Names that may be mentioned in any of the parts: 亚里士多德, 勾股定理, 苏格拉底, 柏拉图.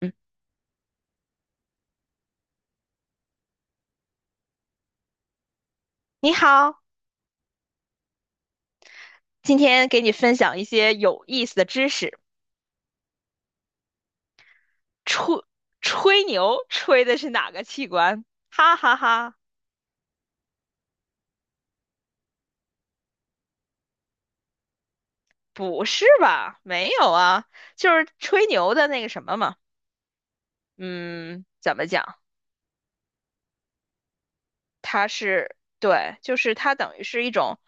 嗯，你好，今天给你分享一些有意思的知识。吹吹牛吹的是哪个器官？哈哈哈，不是吧？没有啊，就是吹牛的那个什么嘛。嗯，怎么讲？它是，对，就是它等于是一种，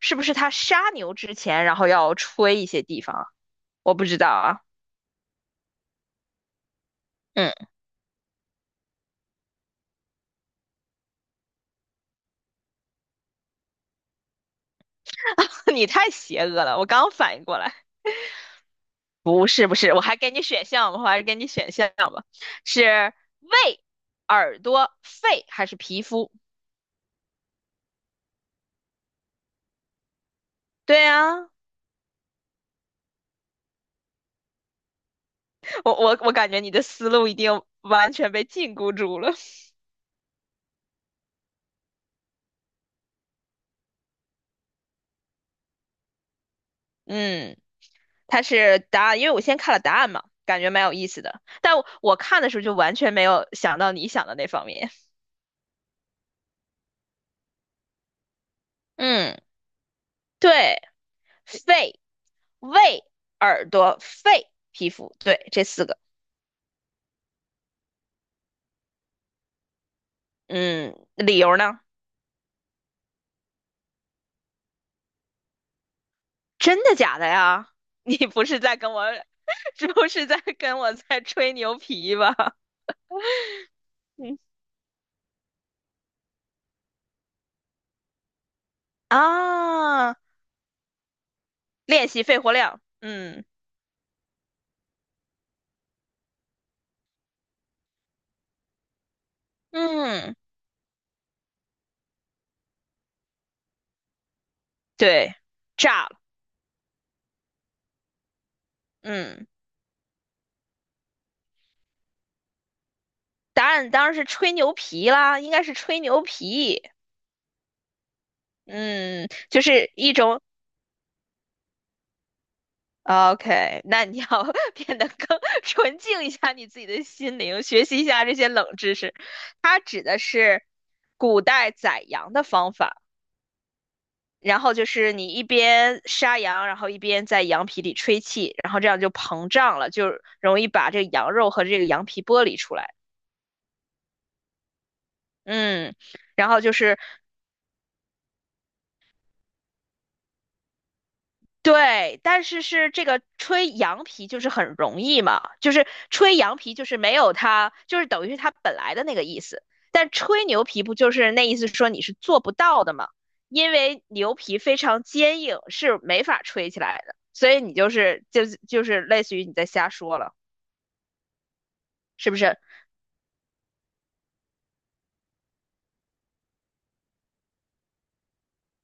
是不是他杀牛之前，然后要吹一些地方啊？我不知道啊。嗯，你太邪恶了，我刚反应过来。不是不是，我还是给你选项吧，是胃、耳朵、肺还是皮肤？对啊，我感觉你的思路已经完全被禁锢住了。嗯，它是答案，因为我先看了答案嘛，感觉蛮有意思的。但我看的时候就完全没有想到你想的那方面。嗯，对，肺、胃、耳朵、肺、皮肤，对，这四个。嗯，理由呢？真的假的呀？你不是在跟我是不是在跟我在吹牛皮吧？嗯啊，练习肺活量，嗯嗯，对，炸了，嗯，答案当然是吹牛皮啦，应该是吹牛皮，嗯，就是一种。啊 OK，那你要 变得更 纯净一下你自己的心灵，学习一下这些冷知识。它指的是古代宰羊的方法。然后就是你一边杀羊，然后一边在羊皮里吹气，然后这样就膨胀了，就容易把这个羊肉和这个羊皮剥离出来。嗯，然后就是对，但是是这个吹羊皮就是很容易嘛，就是吹羊皮就是没有它，就是等于是它本来的那个意思。但吹牛皮不就是那意思说你是做不到的嘛？因为牛皮非常坚硬，是没法吹起来的，所以你就是就是类似于你在瞎说了。是不是？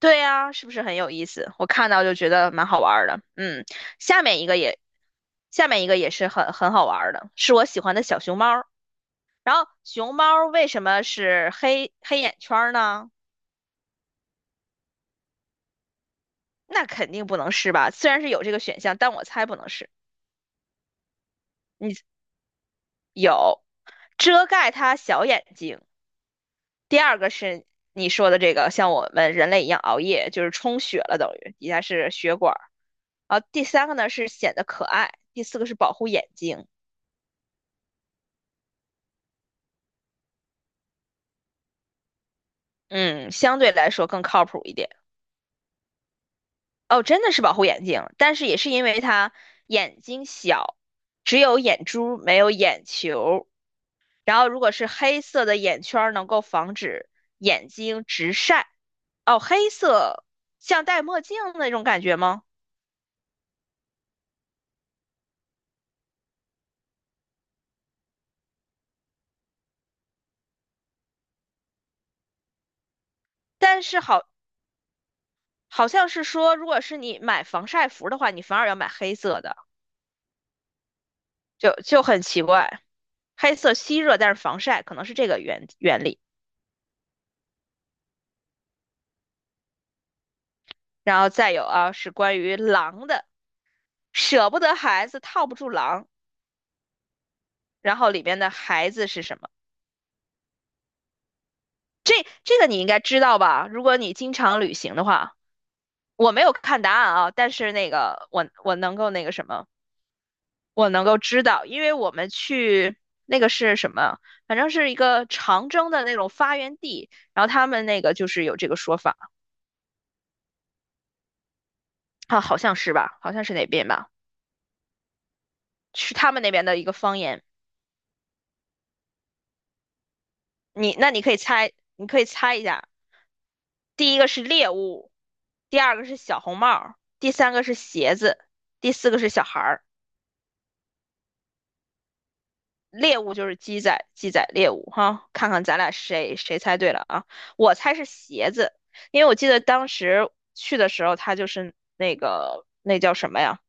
对呀，是不是很有意思？我看到就觉得蛮好玩儿的。嗯，下面一个也，下面一个也是很好玩儿的，是我喜欢的小熊猫儿。然后熊猫儿为什么是黑黑眼圈儿呢？那肯定不能是吧？虽然是有这个选项，但我猜不能是。你有遮盖它小眼睛，第二个是你说的这个，像我们人类一样熬夜，就是充血了，等于底下是血管儿。然后第三个呢是显得可爱，第四个是保护眼睛，嗯，相对来说更靠谱一点。哦，真的是保护眼睛，但是也是因为它眼睛小，只有眼珠没有眼球。然后如果是黑色的眼圈儿，能够防止眼睛直晒。哦，黑色像戴墨镜那种感觉吗？但是好，好像是说，如果是你买防晒服的话，你反而要买黑色的，就很奇怪。黑色吸热，但是防晒，可能是这个原理。然后再有啊，是关于狼的，舍不得孩子套不住狼，然后里边的孩子是什么？这这个你应该知道吧？如果你经常旅行的话，我没有看答案啊，但是那个我能够那个什么，我能够知道，因为我们去那个是什么，反正是一个长征的那种发源地，然后他们那个就是有这个说法啊，好像是吧，好像是哪边吧，是他们那边的一个方言。你可以猜，一下，第一个是猎物，第二个是小红帽、第三个是鞋子，第四个是小孩儿。猎物就是鸡仔，鸡仔猎物哈，看看咱俩谁猜对了啊？我猜是鞋子，因为我记得当时去的时候，他就是那个那叫什么呀？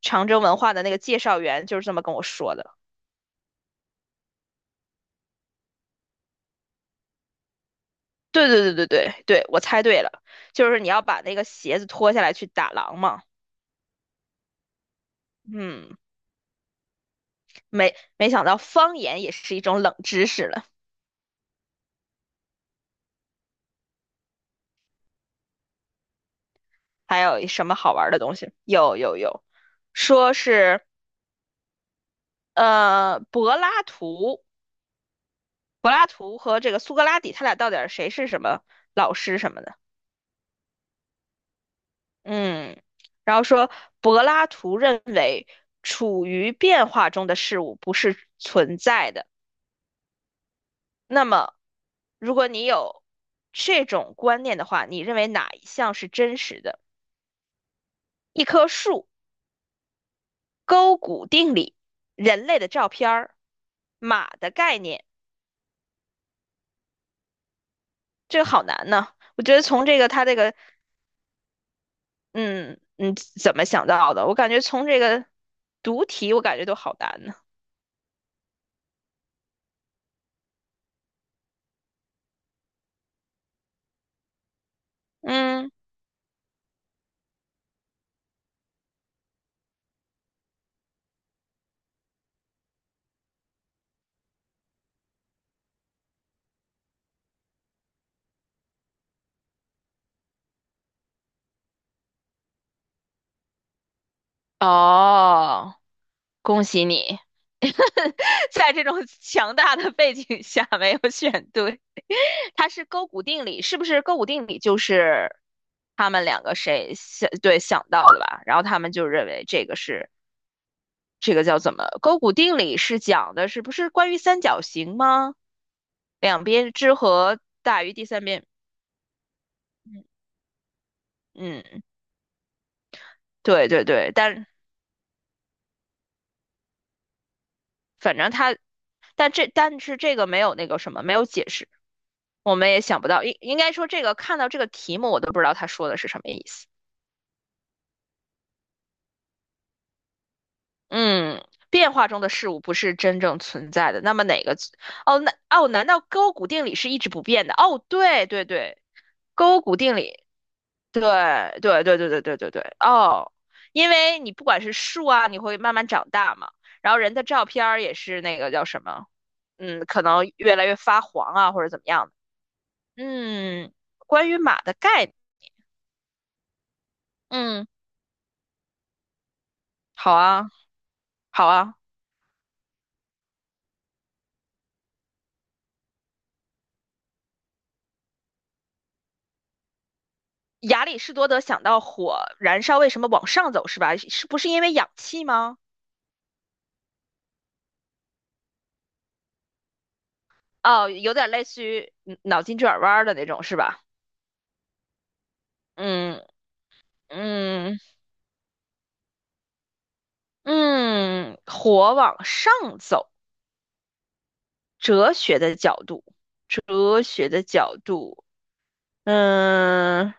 长征文化的那个介绍员就是这么跟我说的。对对对对对对，我猜对了，就是你要把那个鞋子脱下来去打狼嘛。嗯，没想到方言也是一种冷知识了。还有什么好玩的东西？有有有，说是呃柏拉图柏拉图和这个苏格拉底，他俩到底谁是什么老师什么的？嗯，然后说柏拉图认为处于变化中的事物不是存在的。那么，如果你有这种观念的话，你认为哪一项是真实的？一棵树、勾股定理、人类的照片、马的概念，这个好难呢。我觉得从这个他这个嗯，你怎么想到的？我感觉从这个读题，我感觉都好难呢。嗯，哦，恭喜你。在这种强大的背景下没有选对。它是勾股定理，是不是勾股定理就是他们两个谁想，对，想到的吧？然后他们就认为这个是这个叫怎么？勾股定理是讲的是不是关于三角形吗？两边之和大于第三边。嗯。嗯对对对，但反正他，但是这个没有那个什么，没有解释，我们也想不到。应该说，这个看到这个题目，我都不知道他说的是什么意思。嗯，变化中的事物不是真正存在的。那么哪个？哦，那哦，难道勾股定理是一直不变的？哦，对对对，勾股定理，对对对对对对对对。哦，因为你不管是树啊，你会慢慢长大嘛，然后人的照片儿也是那个叫什么？可能越来越发黄啊，或者怎么样的。嗯，关于马的概念，嗯，好啊，好啊。亚里士多德想到火燃烧为什么往上走是吧？是不是因为氧气吗？哦，有点类似于脑筋急转弯儿的那种是吧？嗯嗯嗯，火往上走，哲学的角度，哲学的角度，嗯，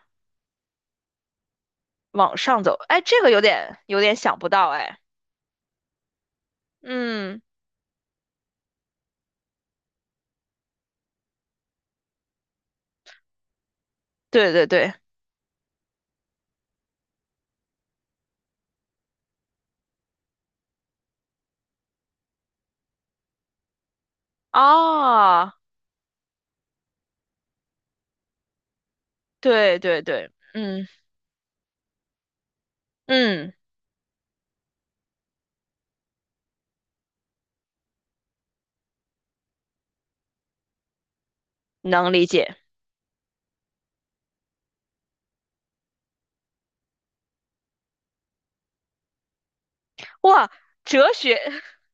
往上走，哎，这个有点想不到哎，嗯，对对对，哦。对对对，嗯，能理解。哇，哲学，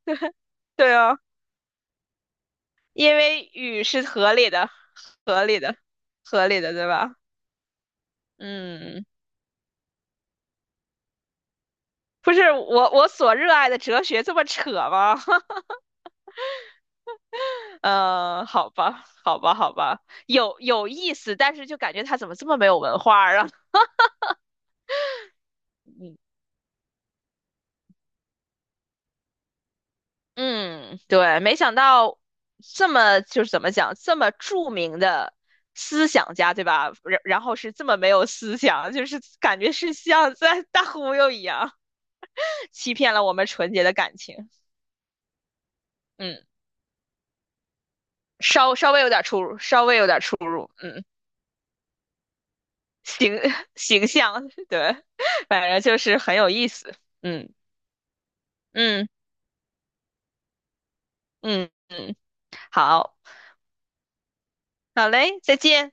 对啊，因为语是合理的，合理的，合理的，对吧？嗯，不是我所热爱的哲学这么扯吗？嗯，好吧，好吧，好吧，有意思，但是就感觉他怎么这么没有文化啊？嗯，对，没想到这么就是怎么讲，这么著名的思想家，对吧？然后是这么没有思想，就是感觉是像在大忽悠一样，欺骗了我们纯洁的感情。嗯，稍微有点出入，稍微有点出入。嗯，形 形象，对，反正就是很有意思。嗯嗯嗯嗯，好，好嘞，再见。